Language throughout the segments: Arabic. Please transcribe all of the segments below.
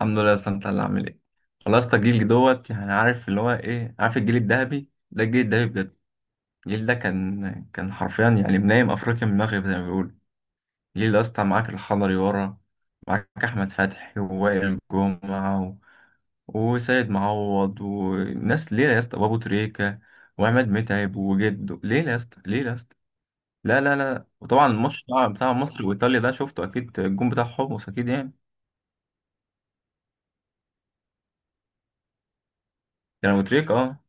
الحمد لله يا اسطى، انت اللي عامل ايه؟ والله يا اسطى جيلي دوت، يعني عارف اللي هو ايه، عارف الجيل الذهبي ده، الجيل الذهبي بجد. الجيل ده كان حرفيا، يعني منايم افريقيا من المغرب زي ما بيقولوا. الجيل ده يا اسطى معاك الحضري ورا، معاك احمد فتحي ووائل جمعه و... وسيد معوض وناس ليله يا اسطى، وابو تريكه وعماد متعب وجده ليله يا اسطى، ليله يا اسطى. لا لا لا، وطبعا الماتش بتاع مصر وايطاليا ده شفته اكيد، الجون بتاع حمص اكيد يعني. كان ابو تريكه، اه.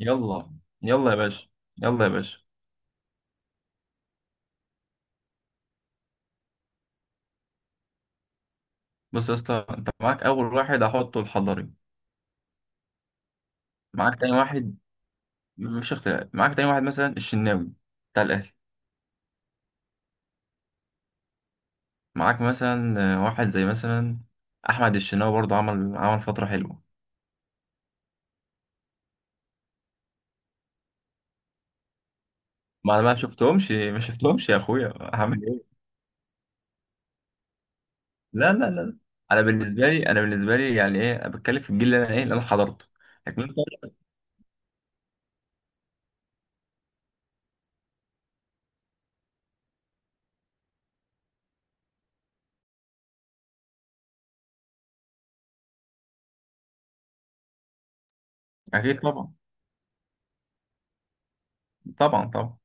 يلا، يلا يا باشا، يلا يا باشا. بص يا اسطى، انت معاك اول واحد هحطه الحضري. معاك تاني واحد. مفيش اختلاف، معاك تاني واحد مثلا الشناوي بتاع الاهلي. معاك مثلا واحد زي مثلا احمد الشناوي، برضه عمل فتره حلوه. ما انا ما شفتهمش، ما شفتهمش يا اخويا، هعمل ايه. لا لا لا، انا بالنسبه لي يعني ايه، أنا بتكلم في الجيل اللي انا ايه، اللي انا حضرته، لكن انت. اكيد طبعا، طبعا طبعا.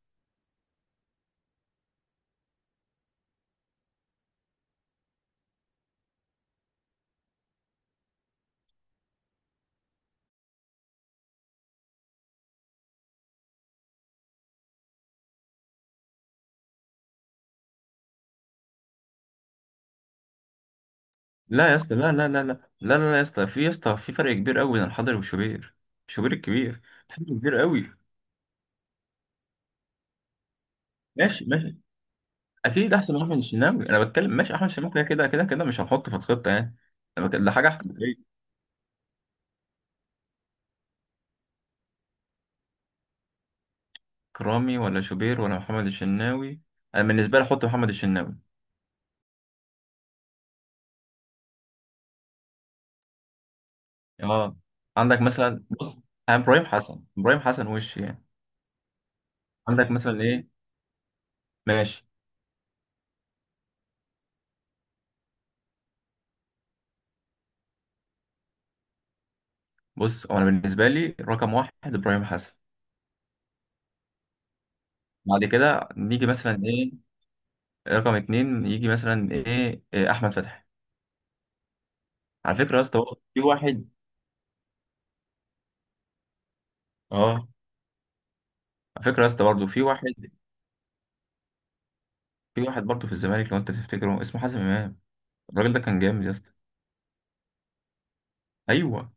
لا يا اسطى، لا لا لا لا لا لا لا، يا اسطى في فرق كبير قوي بين الحضري والشوبير، الشوبير الكبير، فرق كبير قوي. ماشي، ماشي. اكيد احسن من احمد الشناوي، انا بتكلم ماشي، احمد الشناوي كده كده كده كده مش هنحطه في الخطه يعني. ده حاجه احتماليه. كرامي ولا شوبير ولا محمد الشناوي؟ انا بالنسبه لي احط محمد الشناوي. اه، عندك مثلا، بص، انا ابراهيم حسن، ابراهيم حسن وش يعني. عندك مثلا ايه، ماشي. بص، هو انا بالنسبه لي رقم واحد ابراهيم حسن. بعد كده نيجي مثلا ايه، رقم اتنين يجي مثلا ايه إيه، احمد فتحي. على فكره يا اسطى، برضه في واحد. اه، على فكره يا اسطى برضه في واحد في واحد برضه في الزمالك، لو انت تفتكره، اسمه حازم امام. الراجل ده كان جامد يا اسطى. ايوه.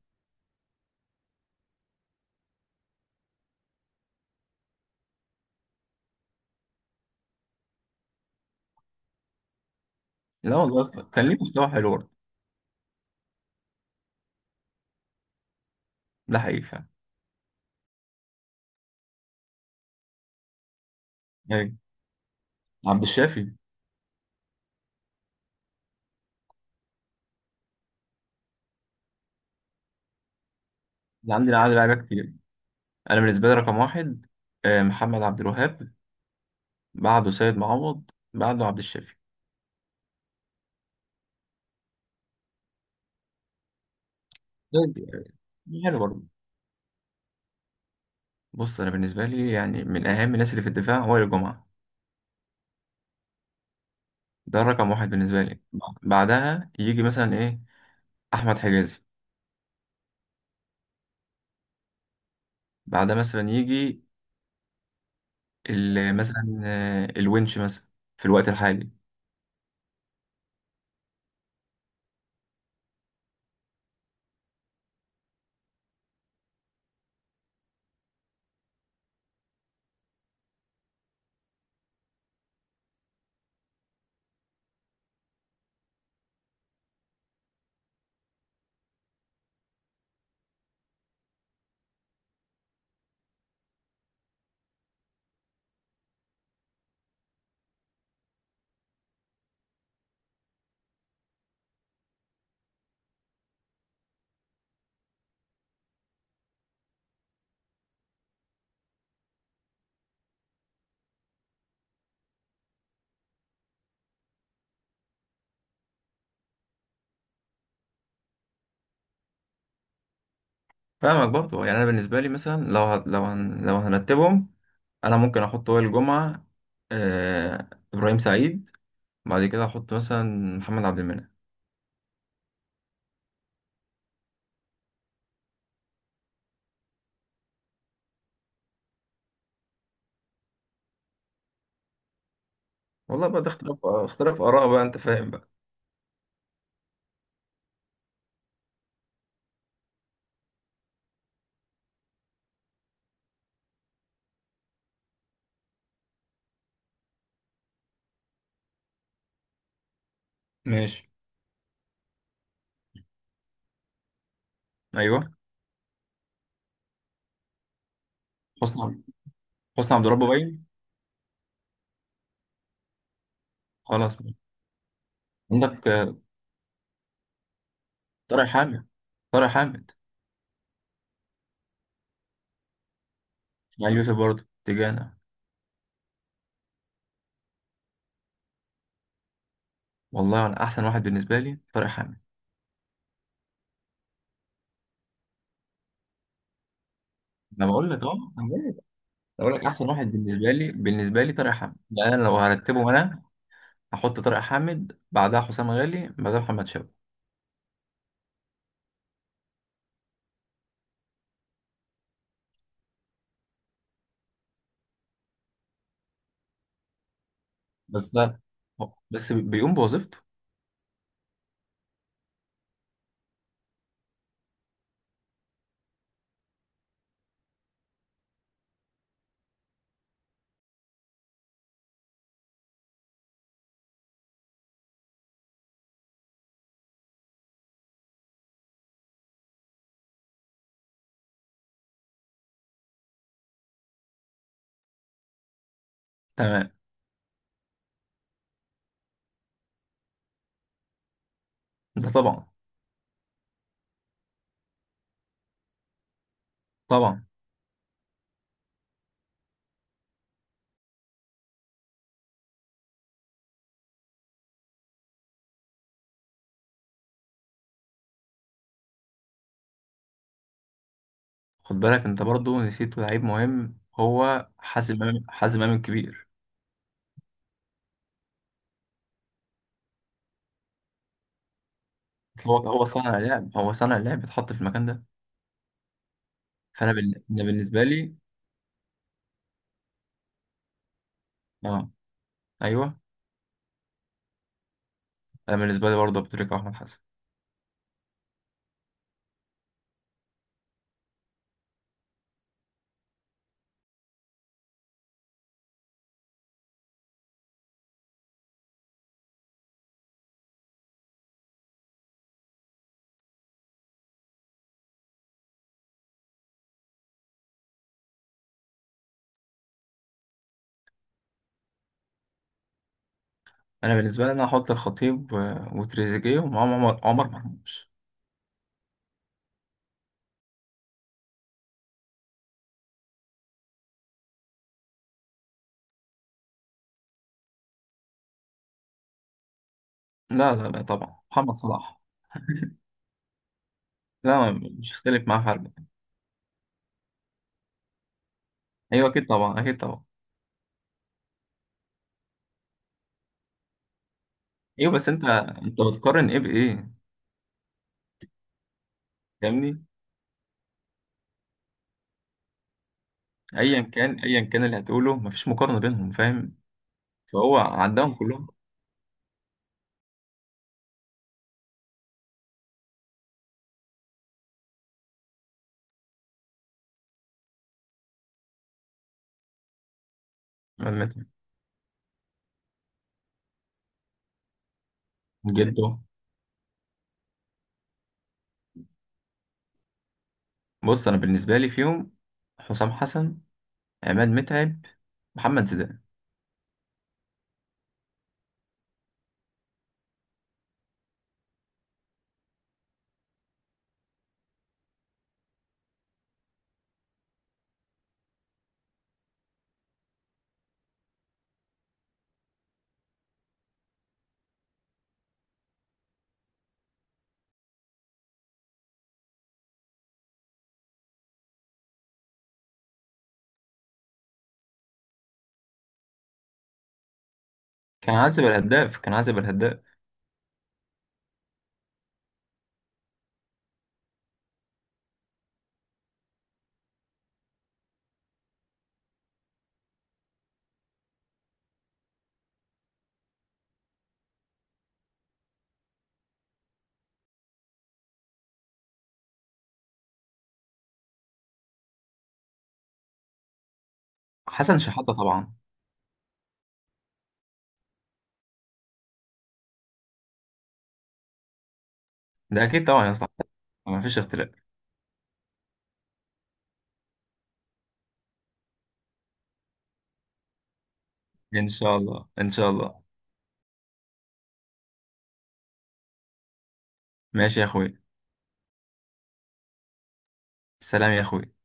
لا والله يا اسطى، كان ليه مستوى حلو برضه، ده حقيقي فعلا. ايوه، عبد الشافي. اللي عندي عدد لعيبه كتير. انا بالنسبه لي رقم واحد محمد عبد الوهاب، بعده سيد معوض، بعده عبد الشافي. طيب، حلو برضه. بص، انا بالنسبه لي يعني من اهم الناس اللي في الدفاع هو وائل جمعه، ده رقم واحد بالنسبة لي. بعدها يجي مثلا ايه، احمد حجازي. بعدها مثلا يجي مثلا الونش مثلا، في الوقت الحالي. فاهمك برضو، يعني انا بالنسبة لي مثلا لو هت- لو هن- لو هنرتبهم، انا ممكن احط وائل الجمعة، ابراهيم سعيد، بعد كده احط مثلا محمد عبد المنعم. والله بقى ده اختلاف اراء بقى، انت فاهم بقى. ماشي. ايوه، حسني حسني عبد ربه باين. خلاص. عندك طارق حامد، طارق حامد. يعني في برضه اتجاهنا. والله انا احسن واحد بالنسبه لي طارق حامد. انا بقول لك، أنا جاي. بقول لك احسن واحد بالنسبه لي، طارق حامد. يعني انا لو هرتبهم، انا هحط طارق حامد، بعدها حسام غالي، بعدها محمد شابة. بس ده بس بيقوم بوظيفته. تمام. ده طبعا، طبعا. خد بالك، انت برضو نسيت لعيب مهم، هو حازم امام، حازم امام الكبير. هو صانع لعب، هو صانع لعب، اتحط في المكان ده. أنا بالنسبه لي، اه، ايوه، انا بالنسبه لي برضه أبو تريكة واحمد حسن. انا بالنسبه لي انا هحط الخطيب وتريزيجيه، ومعاهم عمر مرموش. لا لا لا، طبعا محمد صلاح. لا، مش هختلف معاه حاجه. ايوه اكيد طبعا، اكيد طبعا. ايوه، بس انت بتقارن ايه بايه. فاهمني، ايا كان، ايا كان اللي هتقوله، مفيش مقارنه بينهم، فاهم، فهو عندهم كلهم. عماد متعب، جده. بص انا بالنسبه لي فيهم حسام حسن، عماد متعب، محمد زيدان. كان عازب الهداف، كان عازب الهداف. حسن شحاته طبعا. ده اكيد طبعا يا اسطى، مفيش اختلاف. ان شاء الله، ان شاء الله. ماشي يا اخوي. سلام يا اخوي.